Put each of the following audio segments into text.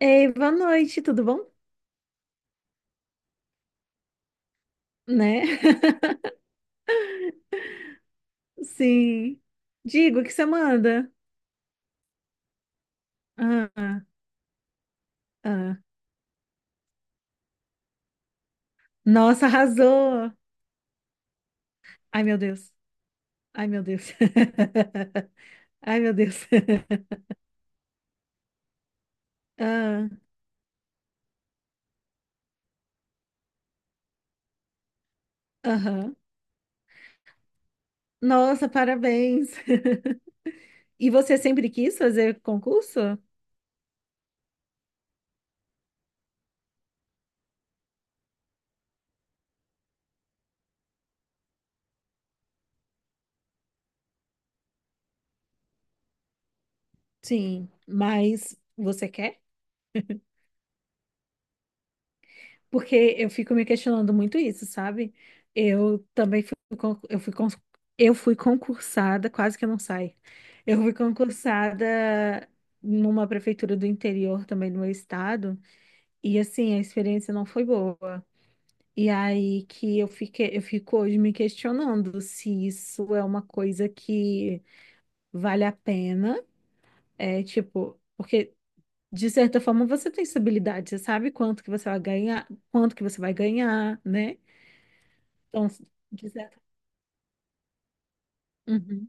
Ei, boa noite, tudo bom? Né? Sim. Digo, o que você manda? Ah, ah. Nossa, arrasou! Ai, meu Deus. Ai, meu Deus. Ai, meu Deus. Ah, aham. Nossa, parabéns. E você sempre quis fazer concurso? Sim. Mas você quer? Porque eu fico me questionando muito isso, sabe? Eu também fui concursada, quase que eu não saio. Eu fui concursada numa prefeitura do interior também do meu estado, e assim, a experiência não foi boa. E aí que eu fico hoje me questionando se isso é uma coisa que vale a pena, é tipo, porque de certa forma você tem estabilidade, você sabe quanto que você vai ganhar, quanto que você vai ganhar, né? Então, de certa- Uhum.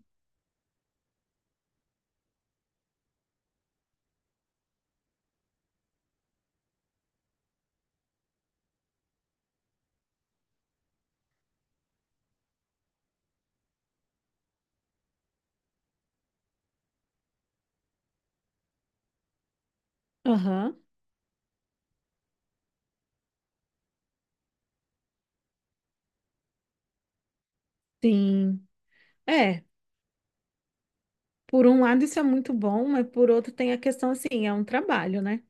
Aham, sim. É, por um lado isso é muito bom, mas por outro tem a questão assim, é um trabalho, né?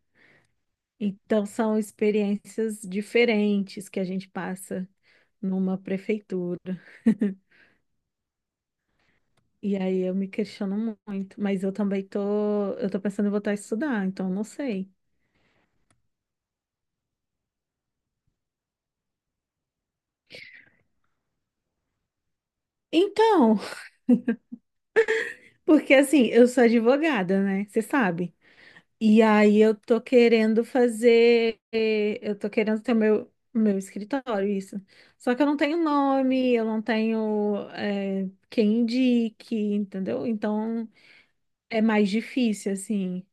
Então são experiências diferentes que a gente passa numa prefeitura. E aí eu me questiono muito, mas eu tô pensando em voltar a estudar, então eu não sei. Então, porque assim, eu sou advogada, né? Você sabe. E aí eu tô querendo ter o meu escritório, isso. Só que eu não tenho nome, eu não tenho é, quem indique, entendeu? Então é mais difícil, assim.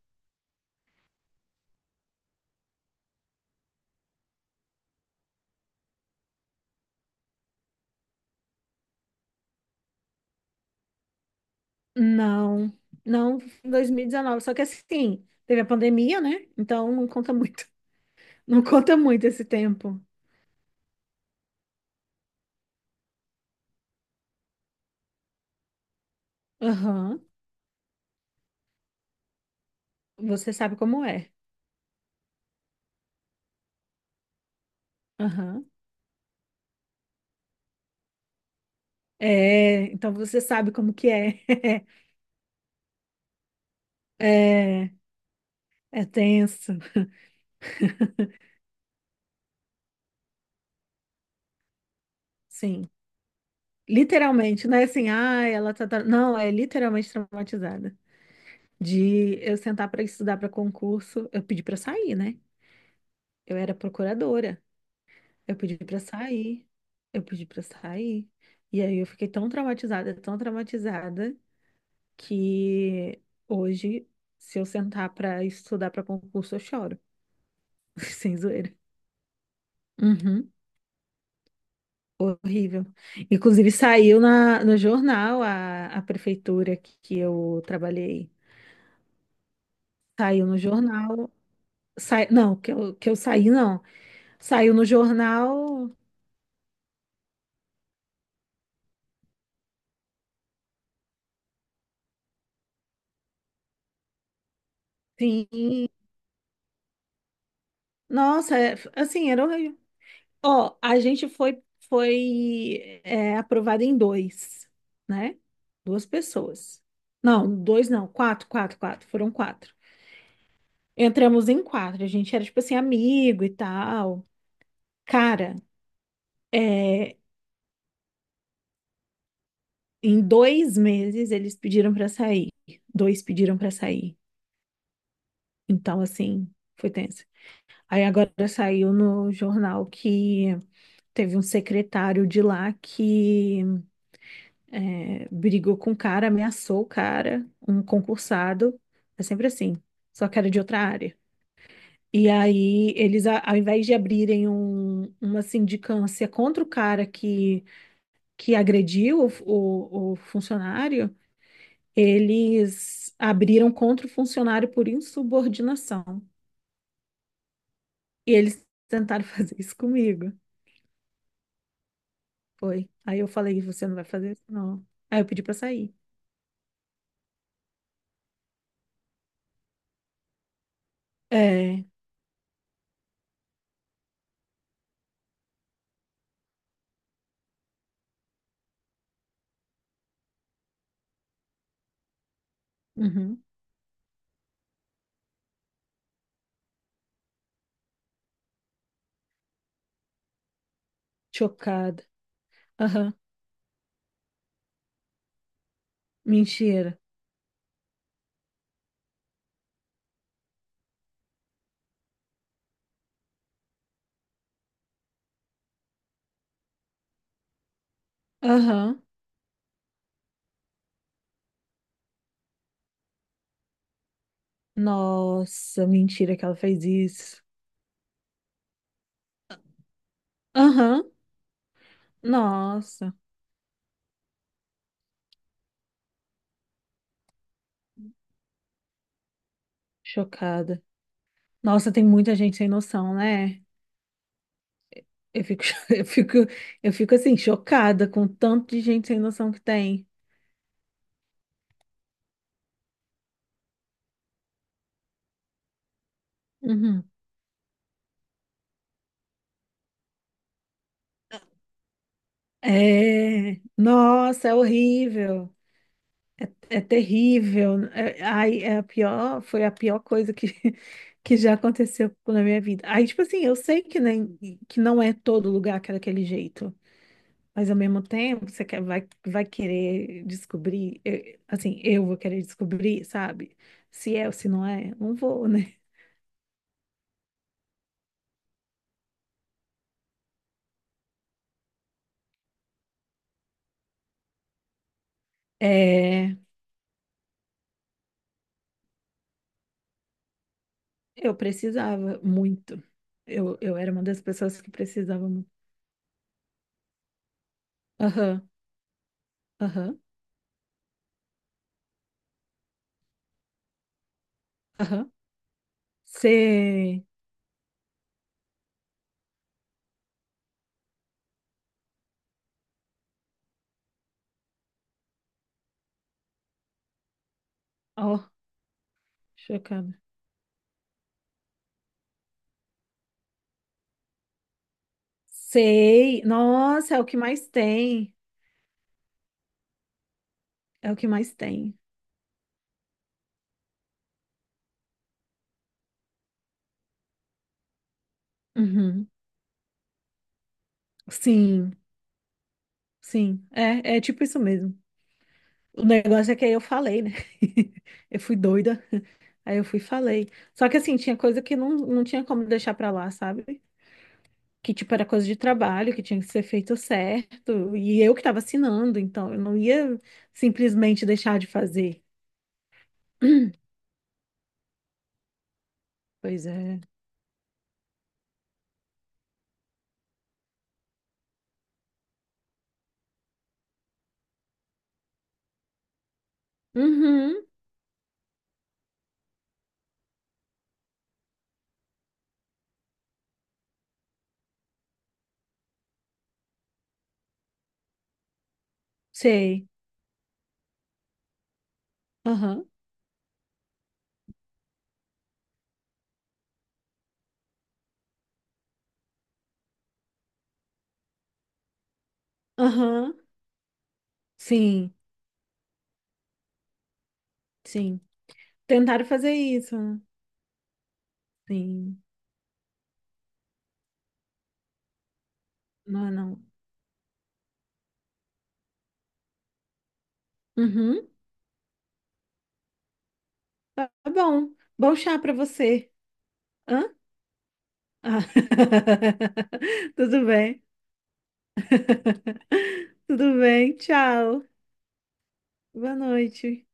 Não, não em 2019. Só que assim, teve a pandemia, né? Então não conta muito. Não conta muito esse tempo. Aham. Você sabe como é. Aham. É, então você sabe como que é. É, é tenso. Sim. Literalmente, não é assim, ah, ela tá. tra-" Não, é literalmente traumatizada. De eu sentar para estudar para concurso, eu pedi para sair, né? Eu era procuradora, eu pedi para sair, eu pedi para sair. E aí eu fiquei tão traumatizada, que hoje, se eu sentar para estudar para concurso, eu choro, sem zoeira. Uhum. Horrível. Inclusive, saiu no jornal a prefeitura que eu trabalhei. Saiu no jornal. Sai... Não, que eu saí, não. Saiu no jornal. Sim. Nossa, é- assim, era horrível. Ó, a gente foi, foi é, aprovado em dois, né? Duas pessoas. Não, dois não, quatro, quatro, quatro. Foram quatro. Entramos em quatro. A gente era, tipo assim, amigo e tal. Cara, é, em dois meses eles pediram pra sair. Dois pediram pra sair. Então, assim, foi tenso. Aí agora saiu no jornal que teve um secretário de lá que é, brigou com o cara, ameaçou o cara, um concursado. É sempre assim, só que era de outra área. E aí eles, ao invés de abrirem uma sindicância contra o cara que agrediu o, o funcionário, eles abriram contra o funcionário por insubordinação. E eles tentaram fazer isso comigo. Foi. Aí eu falei, você não vai fazer isso, não. Aí eu pedi pra sair. É. Uhum. Chocada. Aham. Mentira. Aham. Nossa, mentira que ela fez isso. Aham. Nossa. Chocada. Nossa, tem muita gente sem noção, né? Eu fico, eu fico, eu fico assim, chocada com o tanto de gente sem noção que tem. Uhum. É. Nossa, é horrível. É terrível. Né? É, ai, é a pior, foi a pior coisa que, que já aconteceu na minha vida. Aí, tipo assim, eu sei que, nem, que não é todo lugar que é daquele jeito, mas ao mesmo tempo você quer, vai querer descobrir, assim, eu vou querer descobrir, sabe? Se é ou se não é, não vou, né? É, eu precisava muito. Eu era uma das pessoas que precisava muito. Aham, aham, aham. Você. Ó, chocada. Sei. Nossa, é o que mais tem. É o que mais tem. Uhum. Sim, sim. É, é tipo isso mesmo. O negócio é que aí eu falei, né? Eu fui doida. Aí eu fui e falei. Só que assim, tinha coisa que não tinha como deixar pra lá, sabe? Que tipo era coisa de trabalho, que tinha que ser feito certo. E eu que tava assinando, então eu não ia simplesmente deixar de fazer. Pois é. Uhum. Sei. Aham. Aham. Sim. Sim. Tentaram fazer isso. Sim. Não é não. Uhum. Tá bom. Bom chá pra você. Hã? Ah. Tudo bem. Tudo bem. Tchau. Boa noite.